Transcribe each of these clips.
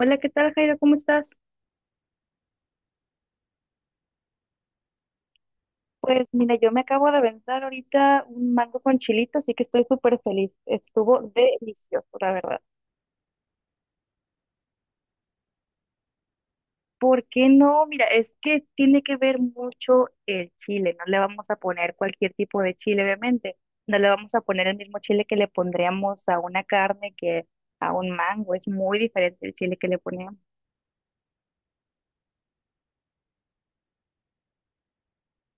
Hola, ¿qué tal, Jairo? ¿Cómo estás? Pues mira, yo me acabo de aventar ahorita un mango con chilito, así que estoy súper feliz. Estuvo delicioso, la verdad. ¿Por qué no? Mira, es que tiene que ver mucho el chile. No le vamos a poner cualquier tipo de chile, obviamente. No le vamos a poner el mismo chile que le pondríamos a una carne que a un mango. Es muy diferente el chile que le ponemos.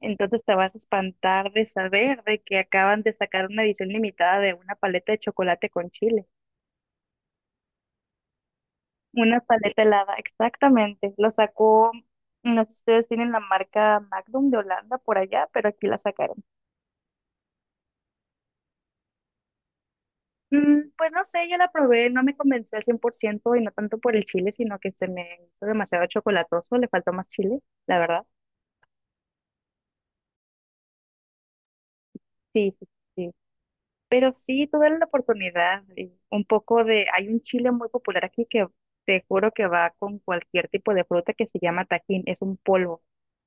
Entonces te vas a espantar de saber de que acaban de sacar una edición limitada de una paleta de chocolate con chile. Una paleta helada, exactamente. Lo sacó, no sé si ustedes tienen la marca Magnum de Holanda por allá, pero aquí la sacaron. Mm, pues no sé, yo la probé, no me convenció al 100% y no tanto por el chile, sino que se me hizo demasiado chocolatoso, le faltó más chile, la verdad. Sí, sí, sí. Pero sí, tuve la oportunidad y un poco de, hay un chile muy popular aquí que te juro que va con cualquier tipo de fruta que se llama tajín, es un polvo.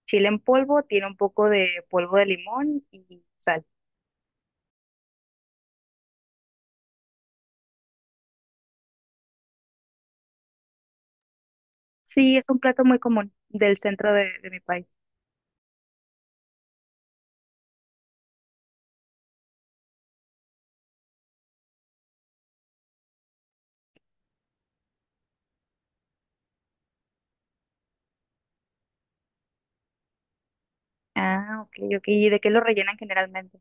Chile en polvo, tiene un poco de polvo de limón y sal. Sí, es un plato muy común del centro de mi país. Ah, ok, ok. ¿Y de qué lo rellenan generalmente?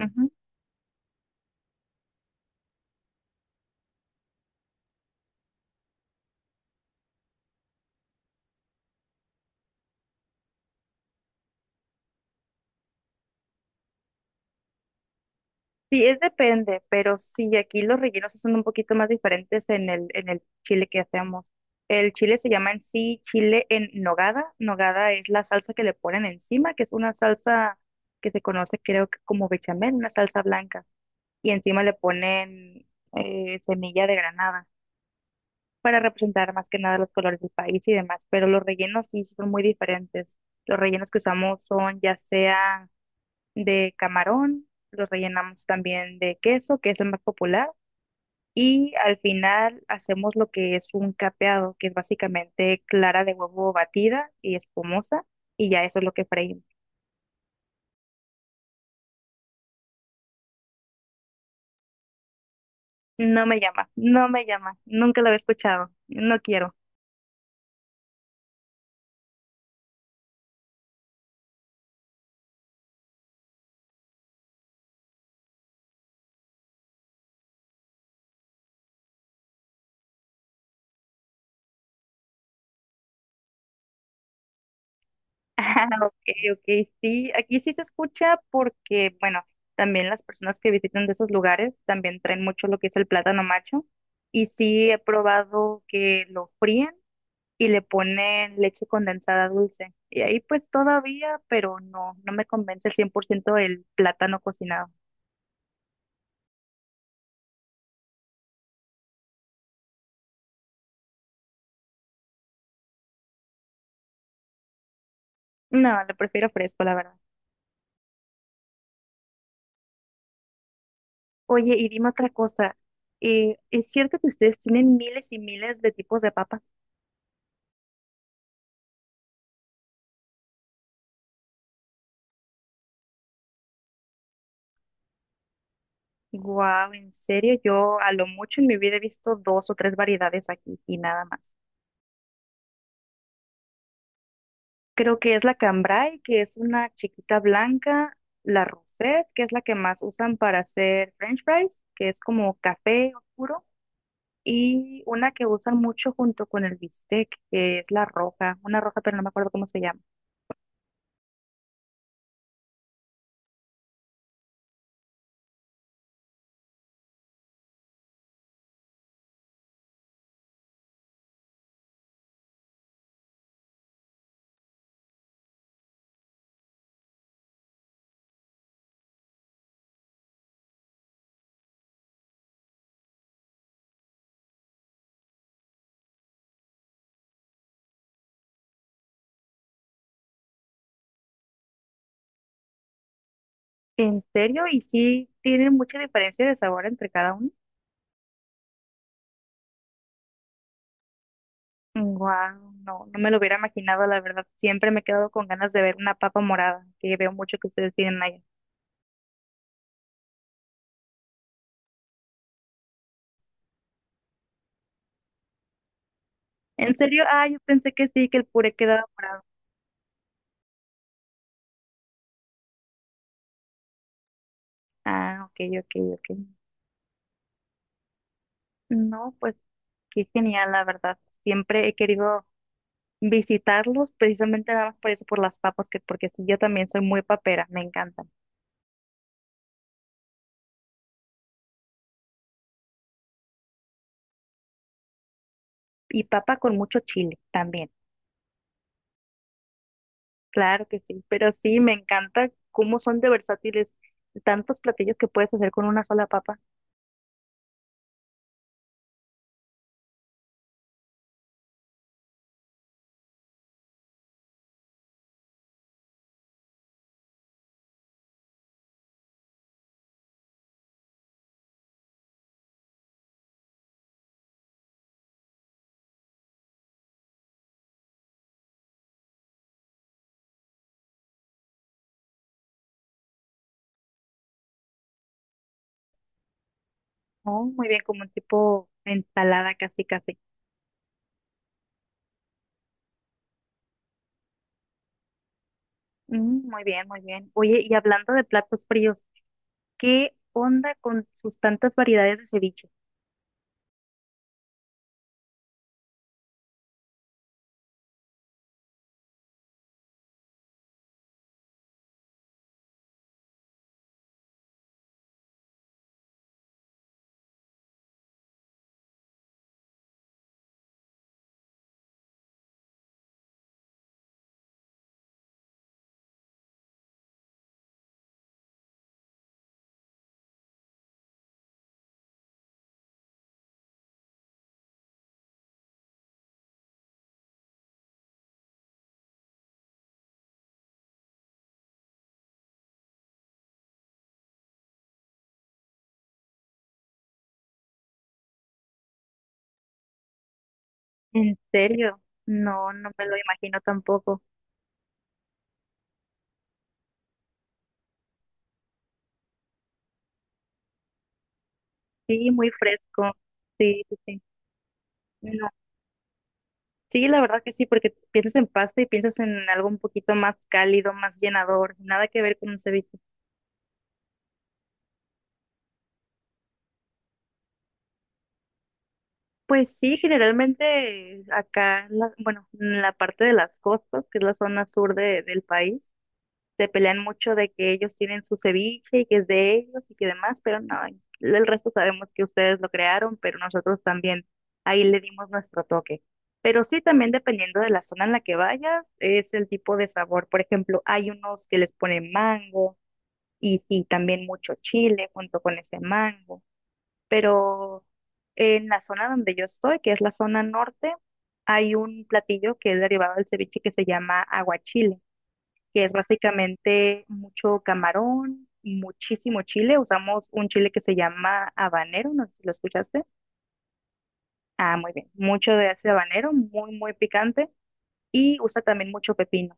Ujú. Sí, es depende, pero sí, aquí los rellenos son un poquito más diferentes en el chile que hacemos. El chile se llama en sí chile en nogada. Nogada es la salsa que le ponen encima, que es una salsa que se conoce creo que como bechamel, una salsa blanca. Y encima le ponen semilla de granada, para representar más que nada los colores del país y demás, pero los rellenos sí son muy diferentes. Los rellenos que usamos son ya sea de camarón, los rellenamos también de queso, que es el más popular, y al final hacemos lo que es un capeado, que es básicamente clara de huevo batida y espumosa, y ya eso es lo que freímos. No me llama, no me llama, nunca lo había escuchado, no quiero. Ah, ok, ok, sí, aquí sí se escucha porque, bueno, también las personas que visitan de esos lugares también traen mucho lo que es el plátano macho y sí he probado que lo fríen y le ponen leche condensada dulce y ahí pues todavía, pero no, no me convence el 100% el plátano cocinado. No, lo prefiero fresco, la verdad. Oye, y dime otra cosa, ¿es cierto que ustedes tienen miles y miles de tipos de papas? Wow, en serio, yo a lo mucho en mi vida he visto dos o tres variedades aquí y nada más. Creo que es la cambray, que es una chiquita blanca, la rosette, que es la que más usan para hacer French fries, que es como café oscuro, y una que usan mucho junto con el bistec, que es la roja, una roja, pero no me acuerdo cómo se llama. En serio, y sí tienen mucha diferencia de sabor entre cada una. Wow, no, no me lo hubiera imaginado, la verdad. Siempre me he quedado con ganas de ver una papa morada, que veo mucho que ustedes tienen allá. ¿En serio? Ah, yo pensé que sí, que el puré quedaba morado. Ah, ok, ok, ok. No, pues qué genial, la verdad. Siempre he querido visitarlos, precisamente nada más por eso, por las papas, que porque sí, yo también soy muy papera, me encantan. Y papa con mucho chile también, claro que sí. Pero sí, me encanta cómo son de versátiles tantos platillos que puedes hacer con una sola papa. Oh, muy bien, como un tipo ensalada casi casi. Mm, muy bien, muy bien. Oye, y hablando de platos fríos, ¿qué onda con sus tantas variedades de ceviche? ¿En serio? No, no me lo imagino tampoco. Sí, muy fresco. Sí, sí, sí. No. Sí, la verdad que sí, porque piensas en pasta y piensas en algo un poquito más cálido, más llenador, nada que ver con un ceviche. Pues sí, generalmente acá, la- bueno, en la parte de las costas, que es la zona sur de- del país. Se pelean mucho de que ellos tienen su ceviche y que es de ellos y que demás, pero no, el resto sabemos que ustedes lo crearon, pero nosotros también ahí le dimos nuestro toque. Pero sí, también dependiendo de la zona en la que vayas, es el tipo de sabor. Por ejemplo, hay unos que les ponen mango y sí, también mucho chile junto con ese mango. Pero en la zona donde yo estoy, que es la zona norte, hay un platillo que es derivado del ceviche que se llama aguachile, que es básicamente mucho camarón, muchísimo chile. Usamos un chile que se llama habanero, no sé si lo escuchaste. Ah, muy bien. Mucho de ese habanero, muy, muy picante. Y usa también mucho pepino.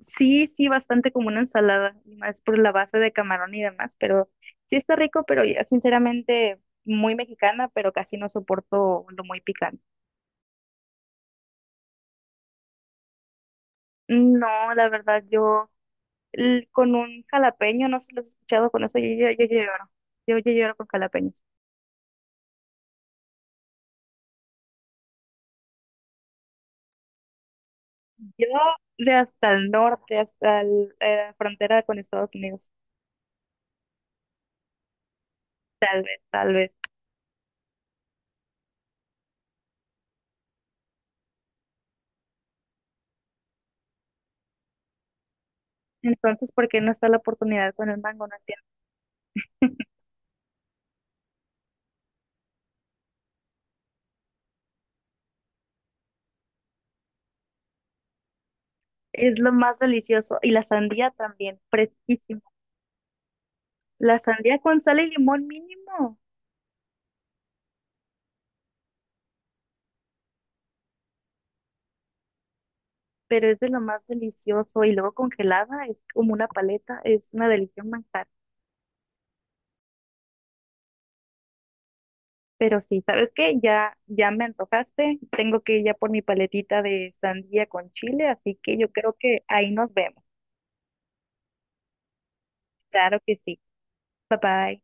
Sí, sí, bastante como una ensalada, más por la base de camarón y demás, pero sí está rico, pero ya sinceramente muy mexicana, pero casi no soporto lo muy picante. No, la verdad, yo l- con un jalapeño, no sé si lo has escuchado con eso, yo lloro. Yo lloro con jalapeños. Yo de hasta el norte, hasta el- la frontera con Estados Unidos. Tal vez, tal vez. Entonces, ¿por qué no está la oportunidad con el mango? No entiendo. Es lo más delicioso. Y la sandía también, fresquísimo. La sandía con sal y limón mínimo, pero es de lo más delicioso. Y luego congelada, es como una paleta, es una delicia un manjar. Pero sí, ¿sabes qué? Ya me antojaste. Tengo que ir ya por mi paletita de sandía con chile, así que yo creo que ahí nos vemos. Claro que sí. Bye bye.